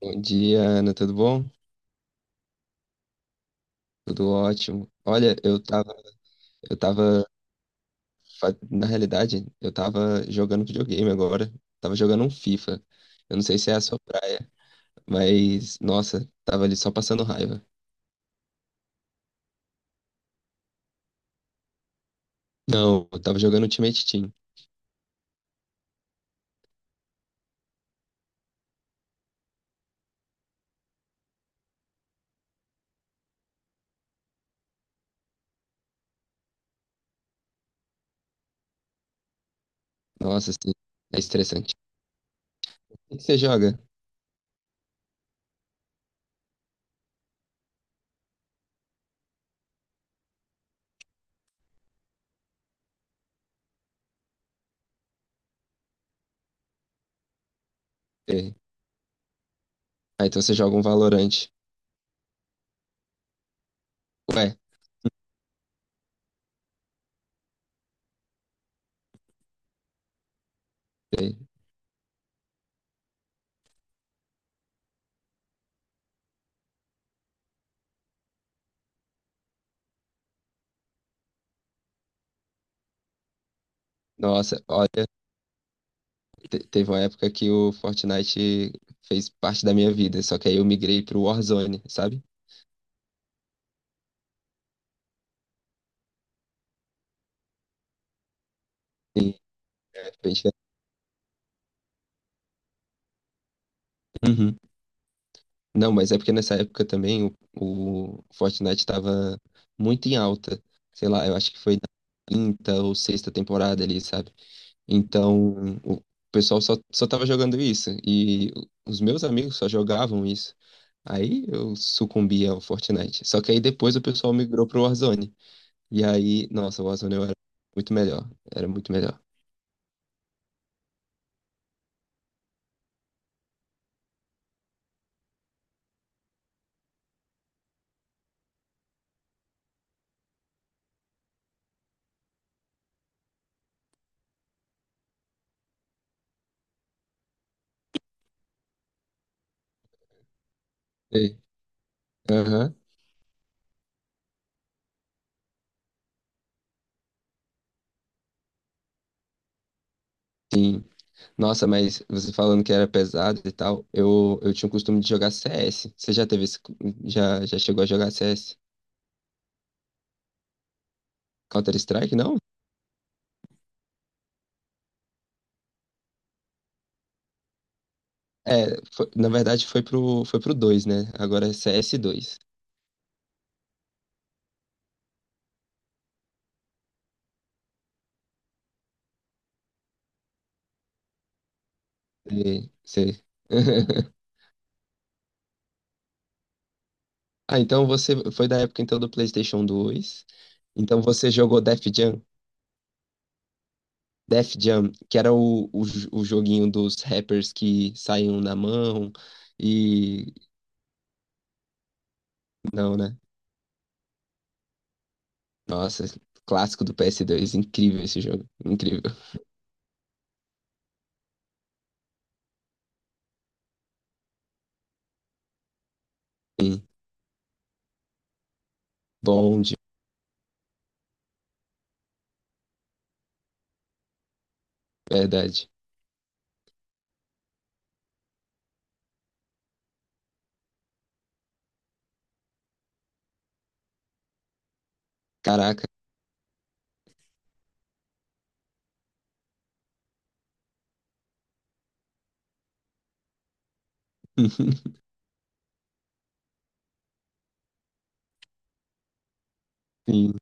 Bom dia, Ana, tudo bom? Tudo ótimo. Olha, eu tava, na realidade, eu tava jogando videogame agora. Tava jogando um FIFA. Eu não sei se é a sua praia, mas, nossa, tava ali só passando raiva. Não, eu tava jogando Ultimate Team. Nossa, assim, é estressante. O que você joga? É. Ah, então você joga um Valorant. Ué, é. Nossa, olha, teve uma época que o Fortnite fez parte da minha vida, só que aí eu migrei pro Warzone, sabe? Sim, é, bem. Uhum. Não, mas é porque nessa época também o Fortnite estava muito em alta. Sei lá, eu acho que foi na quinta ou sexta temporada ali, sabe? Então, o pessoal só tava jogando isso. E os meus amigos só jogavam isso. Aí eu sucumbi ao Fortnite. Só que aí depois o pessoal migrou pro Warzone. E aí, nossa, o Warzone eu era muito melhor. Era muito melhor. Sei. Aham, sim. Nossa, mas você falando que era pesado e tal, eu tinha o costume de jogar CS. Você já teve esse, já chegou a jogar CS? Counter-Strike, não? É, na verdade foi pro dois, né? Agora é cs dois. E você... Ah, então você foi da época então do PlayStation dois. Então você jogou Def Jam? Def Jam, que era o joguinho dos rappers que saíam na mão e... Não, né? Nossa, clássico do PS2. Incrível esse jogo. Incrível. Sim. Bom, de verdade. Caraca. Sim.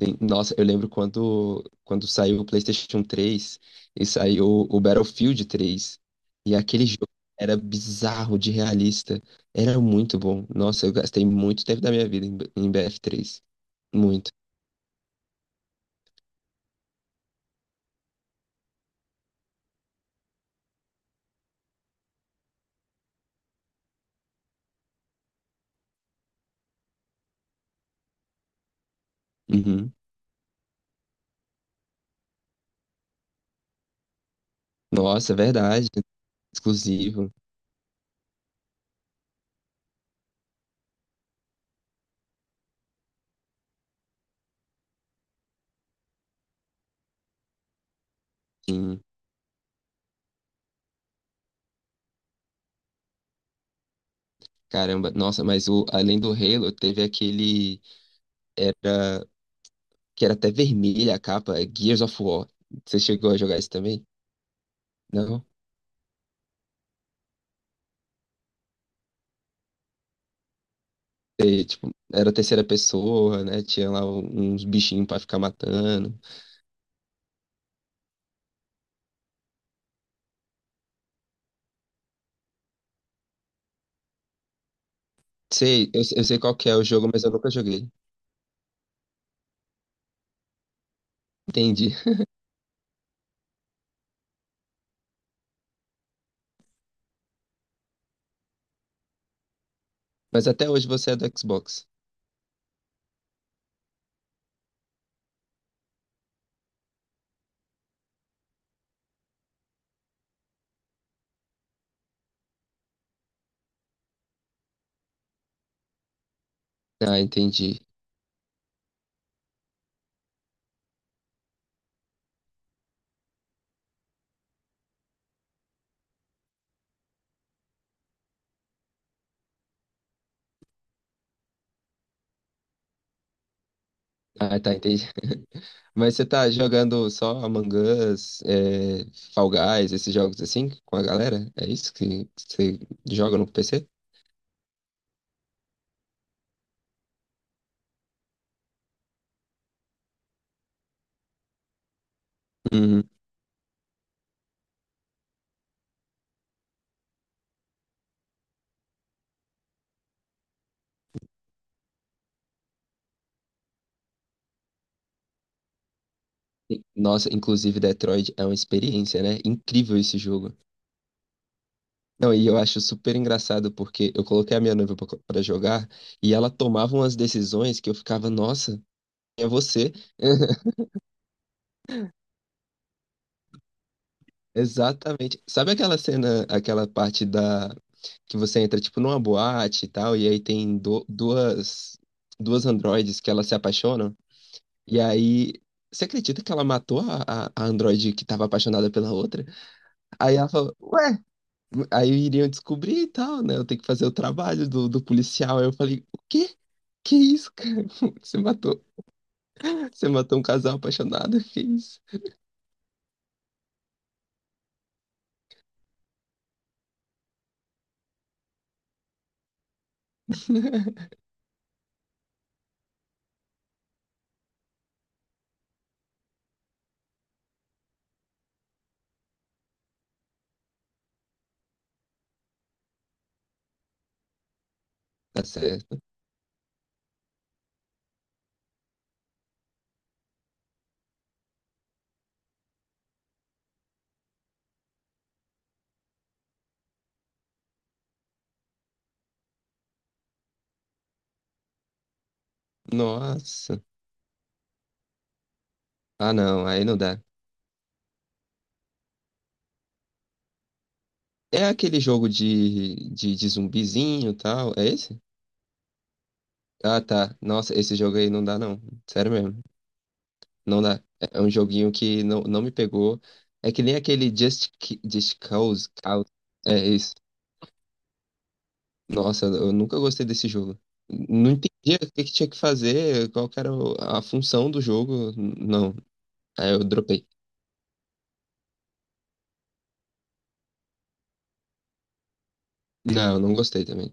Sim. Nossa, eu lembro quando, quando saiu o PlayStation 3 e saiu o Battlefield 3. E aquele jogo era bizarro de realista. Era muito bom. Nossa, eu gastei muito tempo da minha vida em, em BF3. Muito. Uhum. Nossa, é verdade. Exclusivo. Sim. Caramba. Nossa, mas o, além do Halo, teve aquele que era até vermelha a capa, é Gears of War. Você chegou a jogar isso também? Não? E, tipo, era terceira pessoa, né? Tinha lá uns bichinhos pra ficar matando. Sei, eu sei qual que é o jogo, mas eu nunca joguei. Entendi. Mas até hoje você é do Xbox. Ah, entendi. Ah, tá, entendi. Mas você tá jogando só Among Us, é, Fall Guys, esses jogos assim, com a galera? É isso que você joga no PC? Uhum. Sim. Nossa, inclusive Detroit é uma experiência, né? Incrível esse jogo. Não, e eu acho super engraçado porque eu coloquei a minha noiva pra jogar e ela tomava umas decisões que eu ficava, nossa, é você. Exatamente. Sabe aquela cena, aquela parte da que você entra tipo numa boate e tal, e aí tem duas androides que elas se apaixonam, e aí você acredita que ela matou a androide que tava apaixonada pela outra? Aí ela falou, aí iriam descobrir e tal, né? Eu tenho que fazer o trabalho do, do policial. Aí eu falei, o quê? Que isso, cara? Você matou, você matou um casal apaixonado? Que isso? Tá certo. Nossa. Ah, não, aí não dá. É aquele jogo de zumbizinho e tal, é esse? Ah, tá. Nossa, esse jogo aí não dá, não. Sério mesmo. Não dá. É um joguinho que não, não me pegou. É que nem aquele Just Cause. Cause. É isso. Nossa, eu nunca gostei desse jogo. Não entendia o que que tinha que fazer, qual que era a função do jogo. Não. Aí eu dropei. Não, eu não gostei também.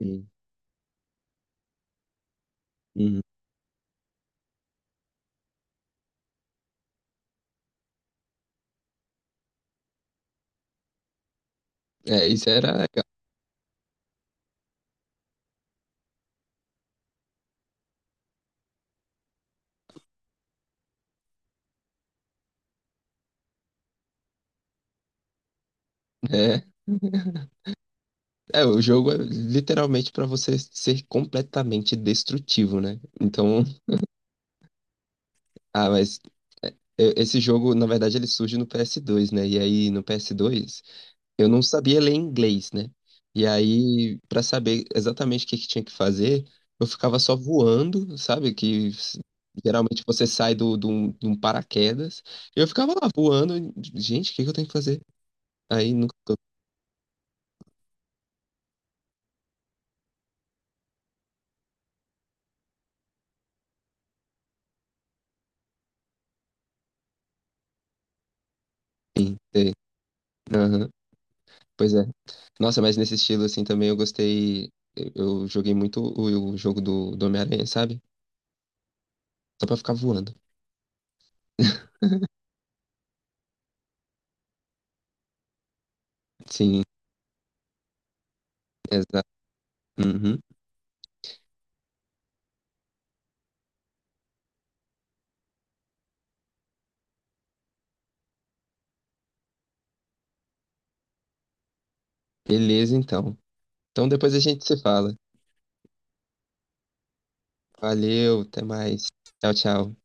Hum, hum. É, isso era legal. É, é, o jogo é literalmente pra você ser completamente destrutivo, né? Então, ah, mas é, esse jogo, na verdade, ele surge no PS2, né? E aí no PS2 eu não sabia ler inglês, né? E aí, para saber exatamente o que que tinha que fazer, eu ficava só voando, sabe? Geralmente você sai do, de um paraquedas. Eu ficava lá voando, e, gente, o que que eu tenho que fazer? Aí nunca sei. Aham, pois é. Nossa, mas nesse estilo assim também eu gostei. Eu joguei muito o jogo do, do Homem-Aranha, sabe? Só pra ficar voando. Sim, exato. Uhum. Beleza, então. Então depois a gente se fala. Valeu, até mais. Tchau, tchau.